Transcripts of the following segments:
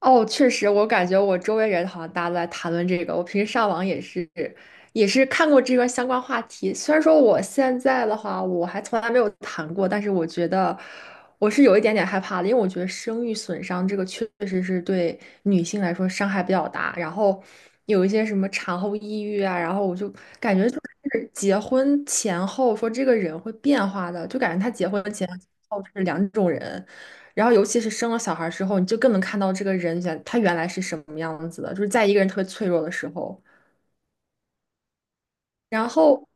哦，确实，我感觉我周围人好像大家都在谈论这个。我平时上网也是看过这个相关话题。虽然说我现在的话，我还从来没有谈过，但是我觉得我是有一点点害怕的，因为我觉得生育损伤这个确实是对女性来说伤害比较大。然后有一些什么产后抑郁啊，然后我就感觉就是结婚前后说这个人会变化的，就感觉他结婚前后是两种人。然后，尤其是生了小孩之后，你就更能看到这个人他原来是什么样子的，就是在一个人特别脆弱的时候。然后，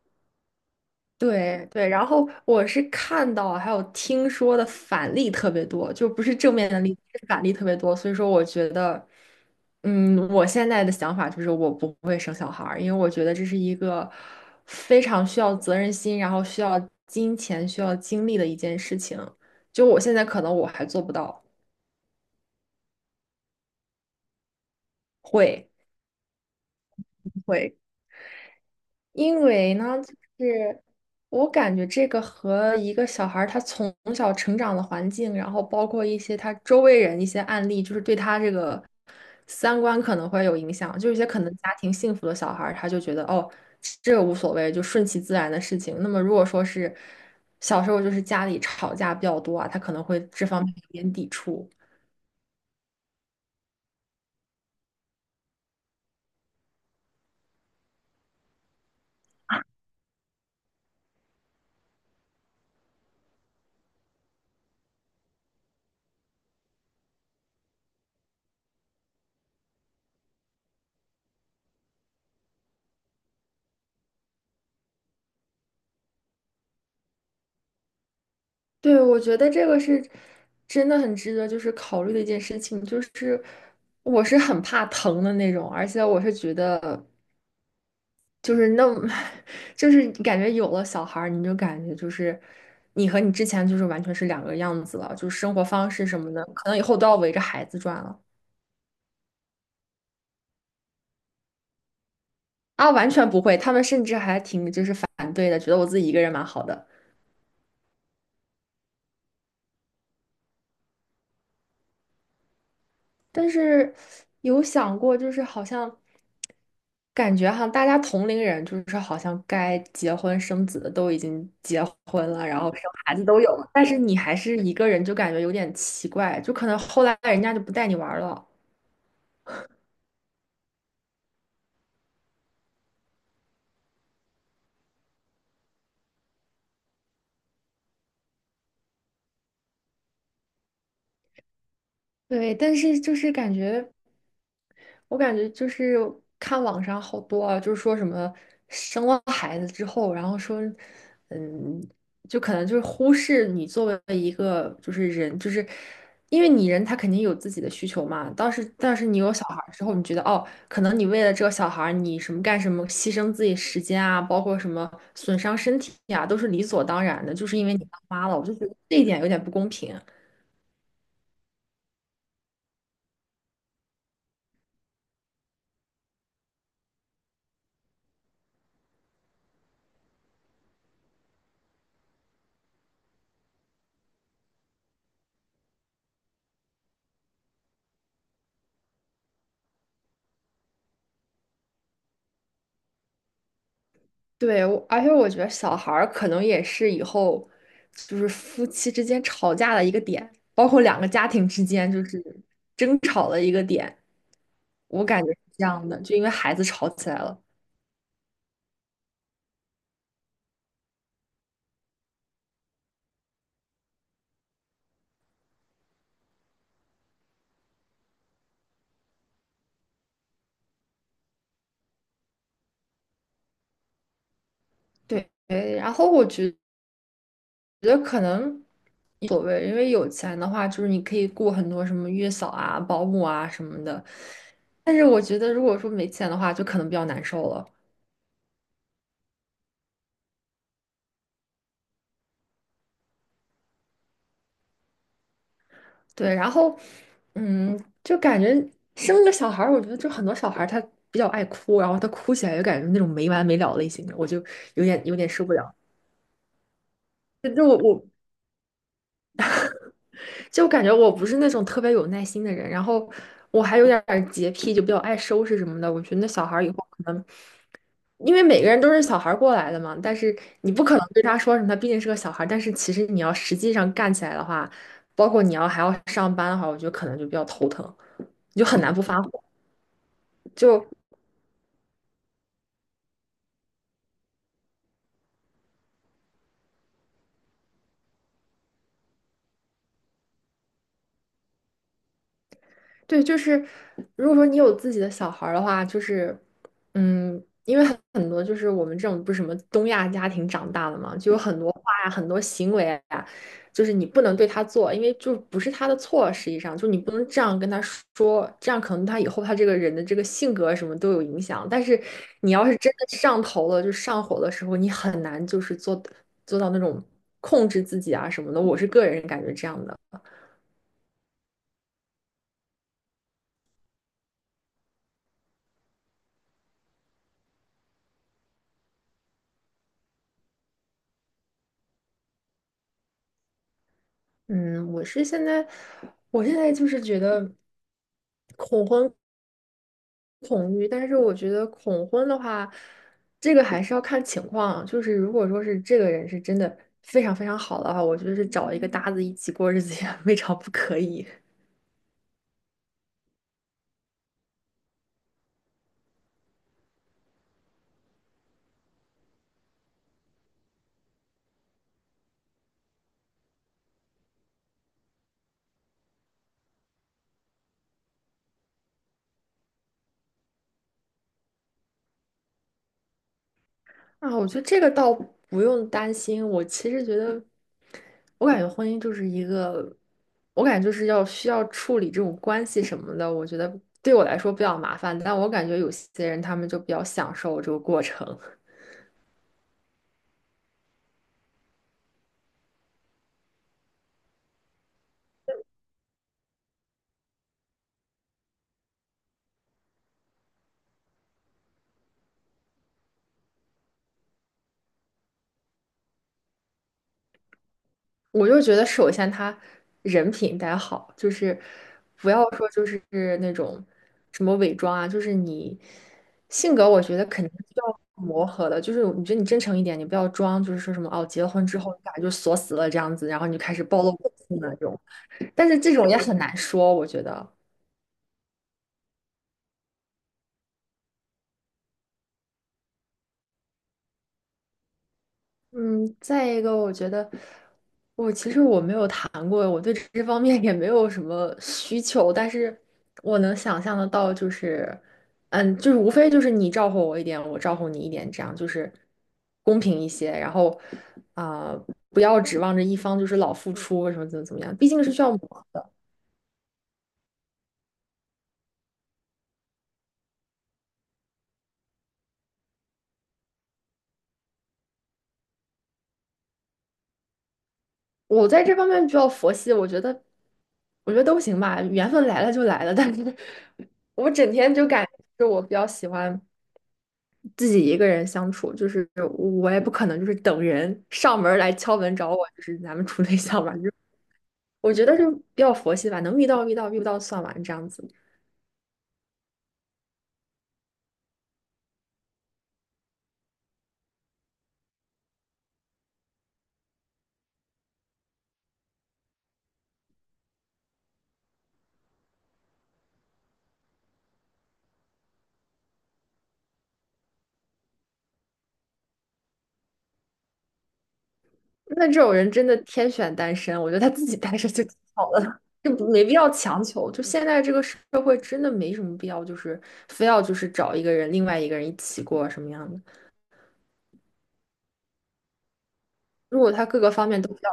对对，然后我是看到还有听说的反例特别多，就不是正面的例子，是反例特别多。所以说，我觉得，我现在的想法就是我不会生小孩儿，因为我觉得这是一个非常需要责任心，然后需要金钱、需要精力的一件事情。就我现在可能我还做不到，会。会，因为呢，就是我感觉这个和一个小孩儿他从小成长的环境，然后包括一些他周围人一些案例，就是对他这个三观可能会有影响。就有些可能家庭幸福的小孩儿，他就觉得哦，这个无所谓，就顺其自然的事情。那么如果说是小时候就是家里吵架比较多啊，他可能会这方面有点抵触。对，我觉得这个是真的很值得就是考虑的一件事情，就是我是很怕疼的那种，而且我是觉得就是那么，就是感觉有了小孩儿，你就感觉就是你和你之前就是完全是两个样子了，就是生活方式什么的，可能以后都要围着孩子转了啊，完全不会，他们甚至还挺就是反对的，觉得我自己一个人蛮好的。但是有想过，就是好像感觉哈，大家同龄人就是好像该结婚生子的都已经结婚了，然后生，但是你还是一个人，就感觉有点奇怪，就可能后来人家就不带你玩儿了。对，但是就是感觉。我感觉就是看网上好多啊，就是说什么生了孩子之后，然后说，嗯，就可能就是忽视你作为一个就是人，就是因为你人他肯定有自己的需求嘛。当时但是你有小孩儿之后，你觉得哦，可能你为了这个小孩儿你什么干什么，牺牲自己时间啊，包括什么损伤身体啊，都是理所当然的，就是因为你当妈了。我就觉得这一点有点不公平。对，而且我觉得小孩儿可能也是以后就是夫妻之间吵架的一个点，包括两个家庭之间就是争吵的一个点，我感觉是这样的，就因为孩子吵起来了。对，然后我觉得可能无所谓，因为有钱的话，就是你可以雇很多什么月嫂啊、保姆啊什么的，但是我觉得如果说没钱的话，就可能比较难受了。对，然后，嗯，就感觉生个小孩儿，我觉得就很多小孩儿他比较爱哭，然后他哭起来就感觉那种没完没了类型的，我就有点受不了。就感觉我不是那种特别有耐心的人，然后我还有点儿洁癖，就比较爱收拾什么的。我觉得那小孩儿以后可能，因为每个人都是小孩儿过来的嘛，但是你不可能对他说什么，他毕竟是个小孩儿。但是其实你要实际上干起来的话，包括你要还要上班的话，我觉得可能就比较头疼，你就很难不发火。就对，就是如果说你有自己的小孩儿的话，就是因为很多就是我们这种不是什么东亚家庭长大的嘛，就有很多话呀、很多行为啊，就是你不能对他做，因为就不是他的错，实际上就你不能这样跟他说，这样可能他以后他这个人的这个性格什么都有影响。但是你要是真的上头了，就上火的时候，你很难就是做到那种控制自己啊什么的。我是个人感觉这样的。嗯，我是现在，我现在就是觉得恐育，但是我觉得恐婚的话，这个还是要看情况。就是如果说是这个人是真的非常非常好的话，我觉得是找一个搭子一起过日子也 未尝不可以。啊，我觉得这个倒不用担心。我其实觉得，我感觉婚姻就是一个，我感觉就是要需要处理这种关系什么的。我觉得对我来说比较麻烦，但我感觉有些人他们就比较享受这个过程。我就觉得首先他人品得好，就是不要说就是那种什么伪装啊，就是你性格，我觉得肯定是需要磨合的。就是你觉得你真诚一点，你不要装，就是说什么哦，结了婚之后你俩就锁死了这样子，然后你就开始暴露本性的那种。但是这种也很难说，我觉得。嗯，再一个，我觉得我其实没有谈过，我对这方面也没有什么需求，但是我能想象得到，就是，就是无非就是你照顾我一点，我照顾你一点，这样就是公平一些，然后啊、不要指望着一方就是老付出什么怎么怎么样，毕竟是需要磨合的。我在这方面比较佛系，我觉得都行吧，缘分来了就来了，但是 我整天就感觉是我比较喜欢。自己一个人相处，就是我也不可能就是等人上门来敲门找我，就是咱们处对象吧。就是我觉得就比较佛系吧，能遇到遇到，遇不到算完这样子。那这种人真的天选单身，我觉得他自己单身就挺好的了，就没必要强求。就现在这个社会真的没什么必要，就是非要就是找一个人，另外一个人一起过什么样的。如果他各个方面都比较，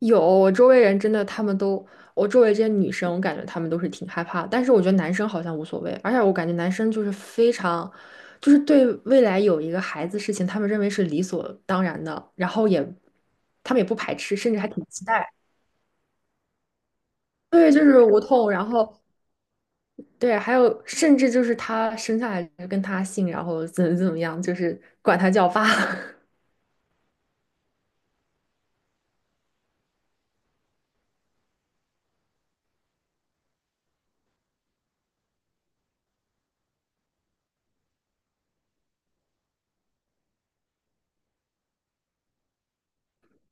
有，我周围人真的，他们都，我周围这些女生，我感觉他们都是挺害怕但是我觉得男生好像无所谓，而且我感觉男生就是非常，就是对未来有一个孩子事情，他们认为是理所当然的，然后也，他们也不排斥，甚至还挺期待。对，就是无痛，然后对，还有甚至就是他生下来就跟他姓，然后怎么怎么样，就是管他叫爸。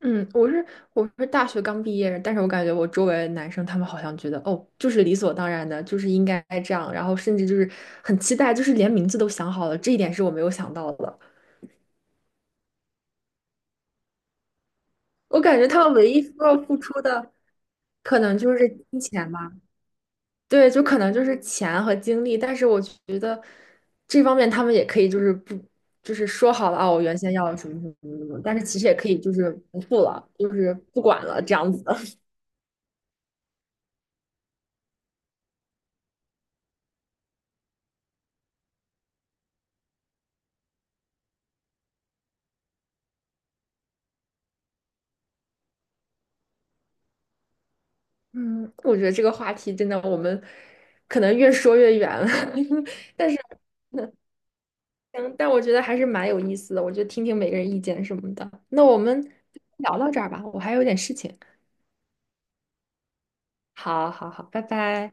嗯，我是大学刚毕业，但是我感觉我周围的男生他们好像觉得哦，就是理所当然的，就是应该这样，然后甚至就是很期待，就是连名字都想好了，这一点是我没有想到的。我感觉他们唯一需要付出的可能就是金钱吧，对，就可能就是钱和精力，但是我觉得这方面他们也可以就是不就是说好了啊，我原先要什么什么什么，但是其实也可以就是不付了，就是不管了这样子。嗯，我觉得这个话题真的，我们可能越说越远了，但是，嗯，但我觉得还是蛮有意思的，我就听听每个人意见什么的。那我们聊到这儿吧，我还有点事情。好好好，拜拜。